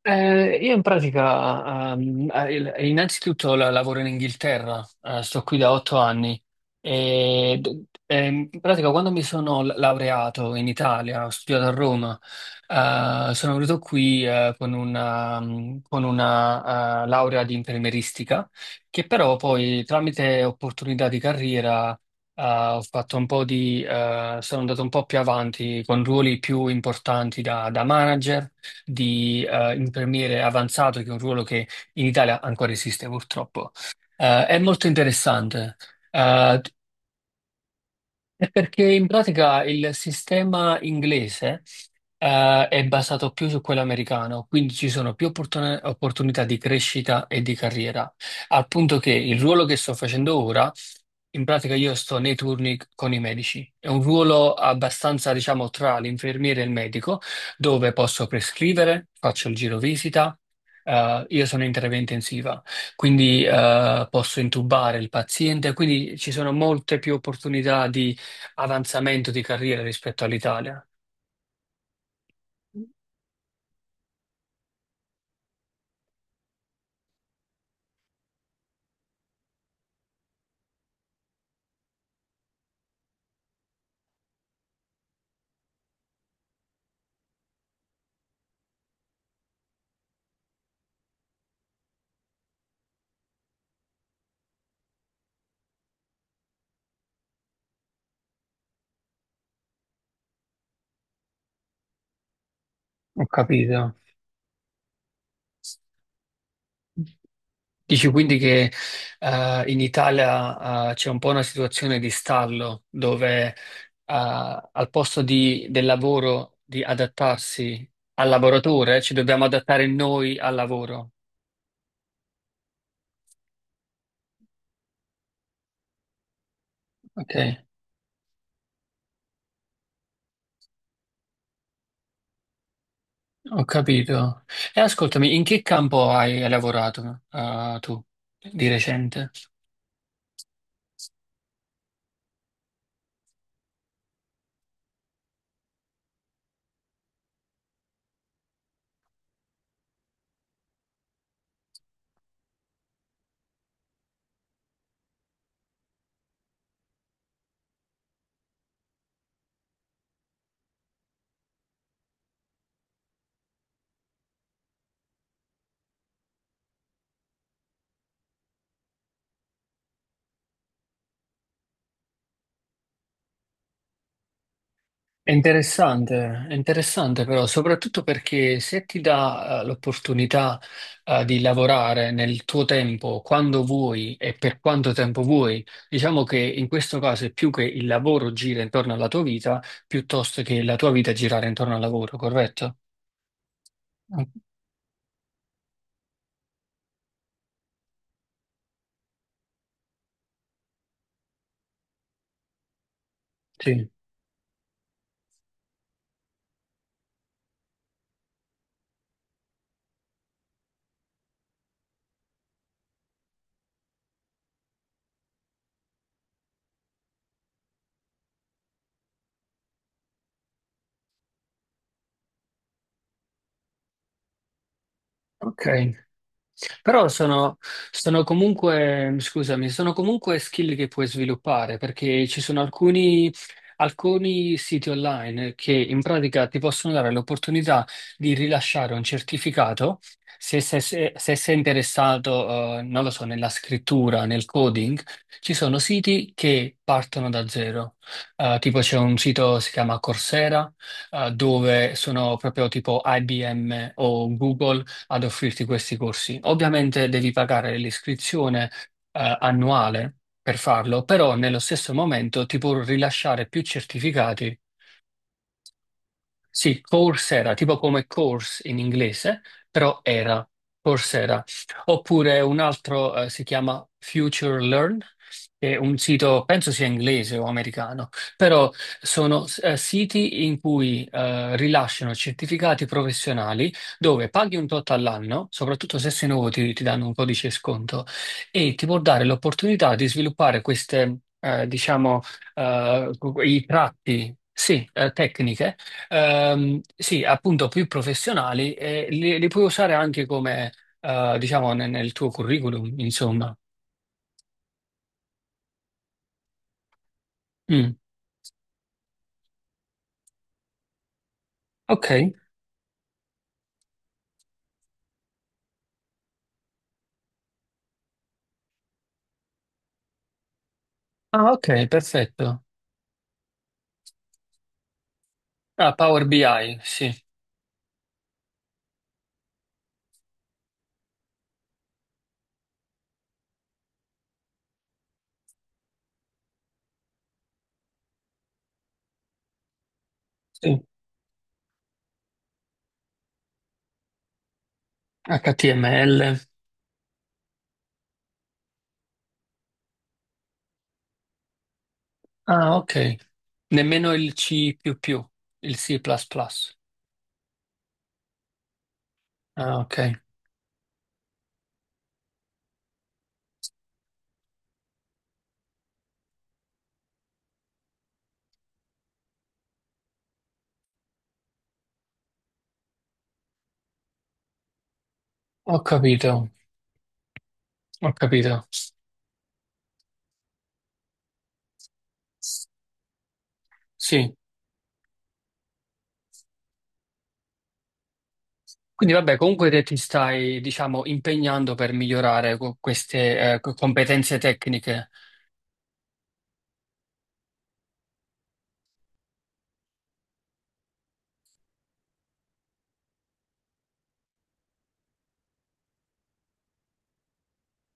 Io in pratica, innanzitutto lavoro in Inghilterra, sto qui da 8 anni e in pratica quando mi sono laureato in Italia, ho studiato a Roma, sono venuto qui con una laurea di infermieristica che però poi tramite opportunità di carriera ho fatto un po' di, sono andato un po' più avanti con ruoli più importanti da manager di infermiere avanzato, che è un ruolo che in Italia ancora esiste purtroppo. È molto interessante. Eh, è perché in pratica il sistema inglese è basato più su quello americano, quindi ci sono più opportunità di crescita e di carriera, al punto che il ruolo che sto facendo ora in pratica io sto nei turni con i medici. È un ruolo abbastanza, diciamo, tra l'infermiere e il medico, dove posso prescrivere, faccio il giro visita. Io sono in terapia intensiva, quindi posso intubare il paziente, quindi ci sono molte più opportunità di avanzamento di carriera rispetto all'Italia. Ho capito. Dici quindi che in Italia c'è un po' una situazione di stallo dove al posto del lavoro di adattarsi al lavoratore, ci dobbiamo adattare noi al lavoro. Ok, ho capito. E ascoltami, in che campo hai lavorato tu di recente? È interessante però, soprattutto perché se ti dà l'opportunità di lavorare nel tuo tempo, quando vuoi e per quanto tempo vuoi, diciamo che in questo caso è più che il lavoro gira intorno alla tua vita, piuttosto che la tua vita girare intorno al lavoro, corretto? Mm, sì. Ok. Però sono comunque skill che puoi sviluppare perché ci sono alcuni siti online che in pratica ti possono dare l'opportunità di rilasciare un certificato se sei interessato, non lo so, nella scrittura, nel coding. Ci sono siti che partono da zero. Tipo c'è un sito, si chiama Coursera, dove sono proprio tipo IBM o Google ad offrirti questi corsi. Ovviamente devi pagare l'iscrizione annuale per farlo, però nello stesso momento ti può rilasciare più certificati. Sì, Coursera, tipo come course in inglese, però era Coursera. Oppure un altro si chiama Future Learn, che è un sito, penso sia inglese o americano, però sono siti in cui rilasciano certificati professionali dove paghi un tot all'anno, soprattutto se sei nuovo ti danno un codice sconto e ti può dare l'opportunità di sviluppare queste, diciamo, eh, i tratti, sì, tecniche. Sì, appunto più professionali e li puoi usare anche come, diciamo, nel tuo curriculum, insomma. Mm. Ok, ah, ok, perfetto. Ah, Power BI, sì, sì. HTML. Ah, ok. Nemmeno il C++, più più, il C++, plus plus. Ah, ok, ho capito, ho capito. Sì. Quindi vabbè, comunque te ti stai, diciamo, impegnando per migliorare queste competenze tecniche.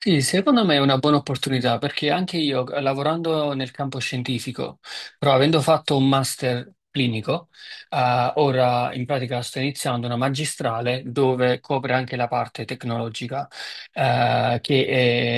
Sì, secondo me è una buona opportunità perché anche io, lavorando nel campo scientifico, però avendo fatto un master clinico, ora in pratica sto iniziando una magistrale dove copre anche la parte tecnologica, eh, che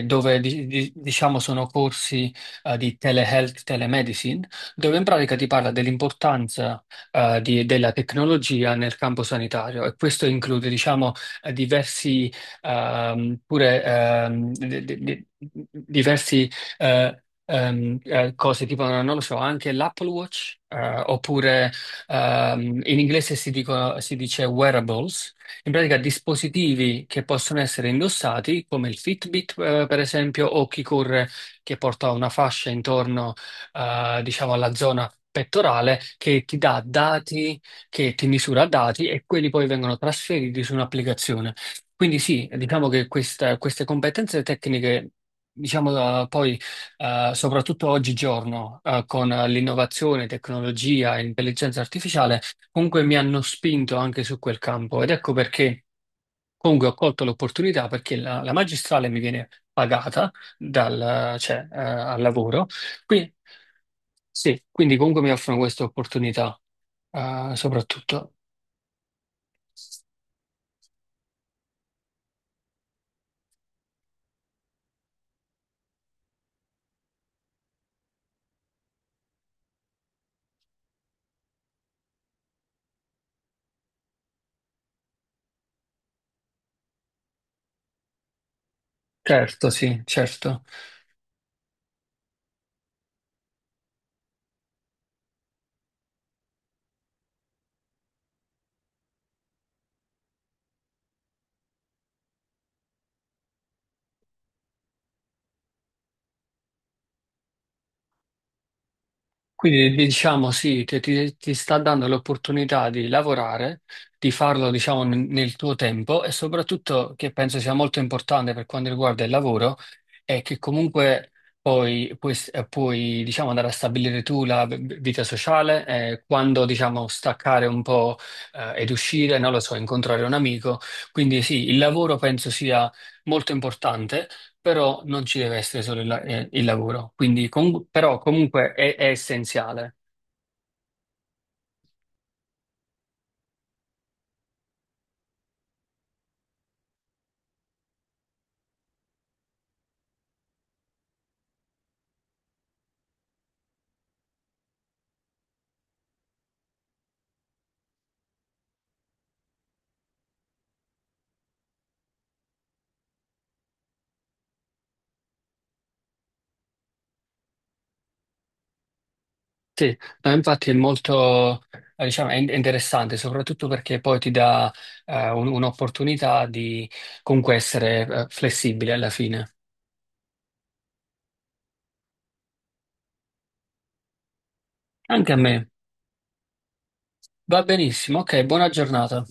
è- dove diciamo sono corsi, di telehealth, telemedicine, dove in pratica ti parla dell'importanza, della tecnologia nel campo sanitario e questo include, diciamo, diversi, pure, diversi, cose, tipo, non lo so, anche l'Apple Watch, oppure, in inglese si dice wearables, in pratica dispositivi che possono essere indossati, come il Fitbit, per esempio, o chi corre che porta una fascia intorno, diciamo, alla zona pettorale che ti dà dati, che ti misura dati e quelli poi vengono trasferiti su un'applicazione. Quindi sì, diciamo che queste competenze tecniche, diciamo, poi soprattutto oggigiorno con l'innovazione, tecnologia e intelligenza artificiale, comunque mi hanno spinto anche su quel campo ed ecco perché comunque ho colto l'opportunità perché la magistrale mi viene pagata dal, cioè, al lavoro. Qui- sì, quindi comunque mi offrono questa opportunità soprattutto. Certo, sì, certo. Quindi diciamo sì, che ti sta dando l'opportunità di lavorare, di farlo diciamo nel tuo tempo e soprattutto che penso sia molto importante per quanto riguarda il lavoro è che comunque poi puoi, diciamo, andare a stabilire tu la vita sociale, quando diciamo staccare un po' ed uscire, non lo so, incontrare un amico. Quindi sì, il lavoro penso sia molto importante però non ci deve essere solo il lavoro, quindi però comunque è essenziale. Sì, no, infatti è molto, diciamo, è interessante, soprattutto perché poi ti dà un'opportunità di comunque essere flessibile alla fine. Anche a me. Va benissimo, ok, buona giornata.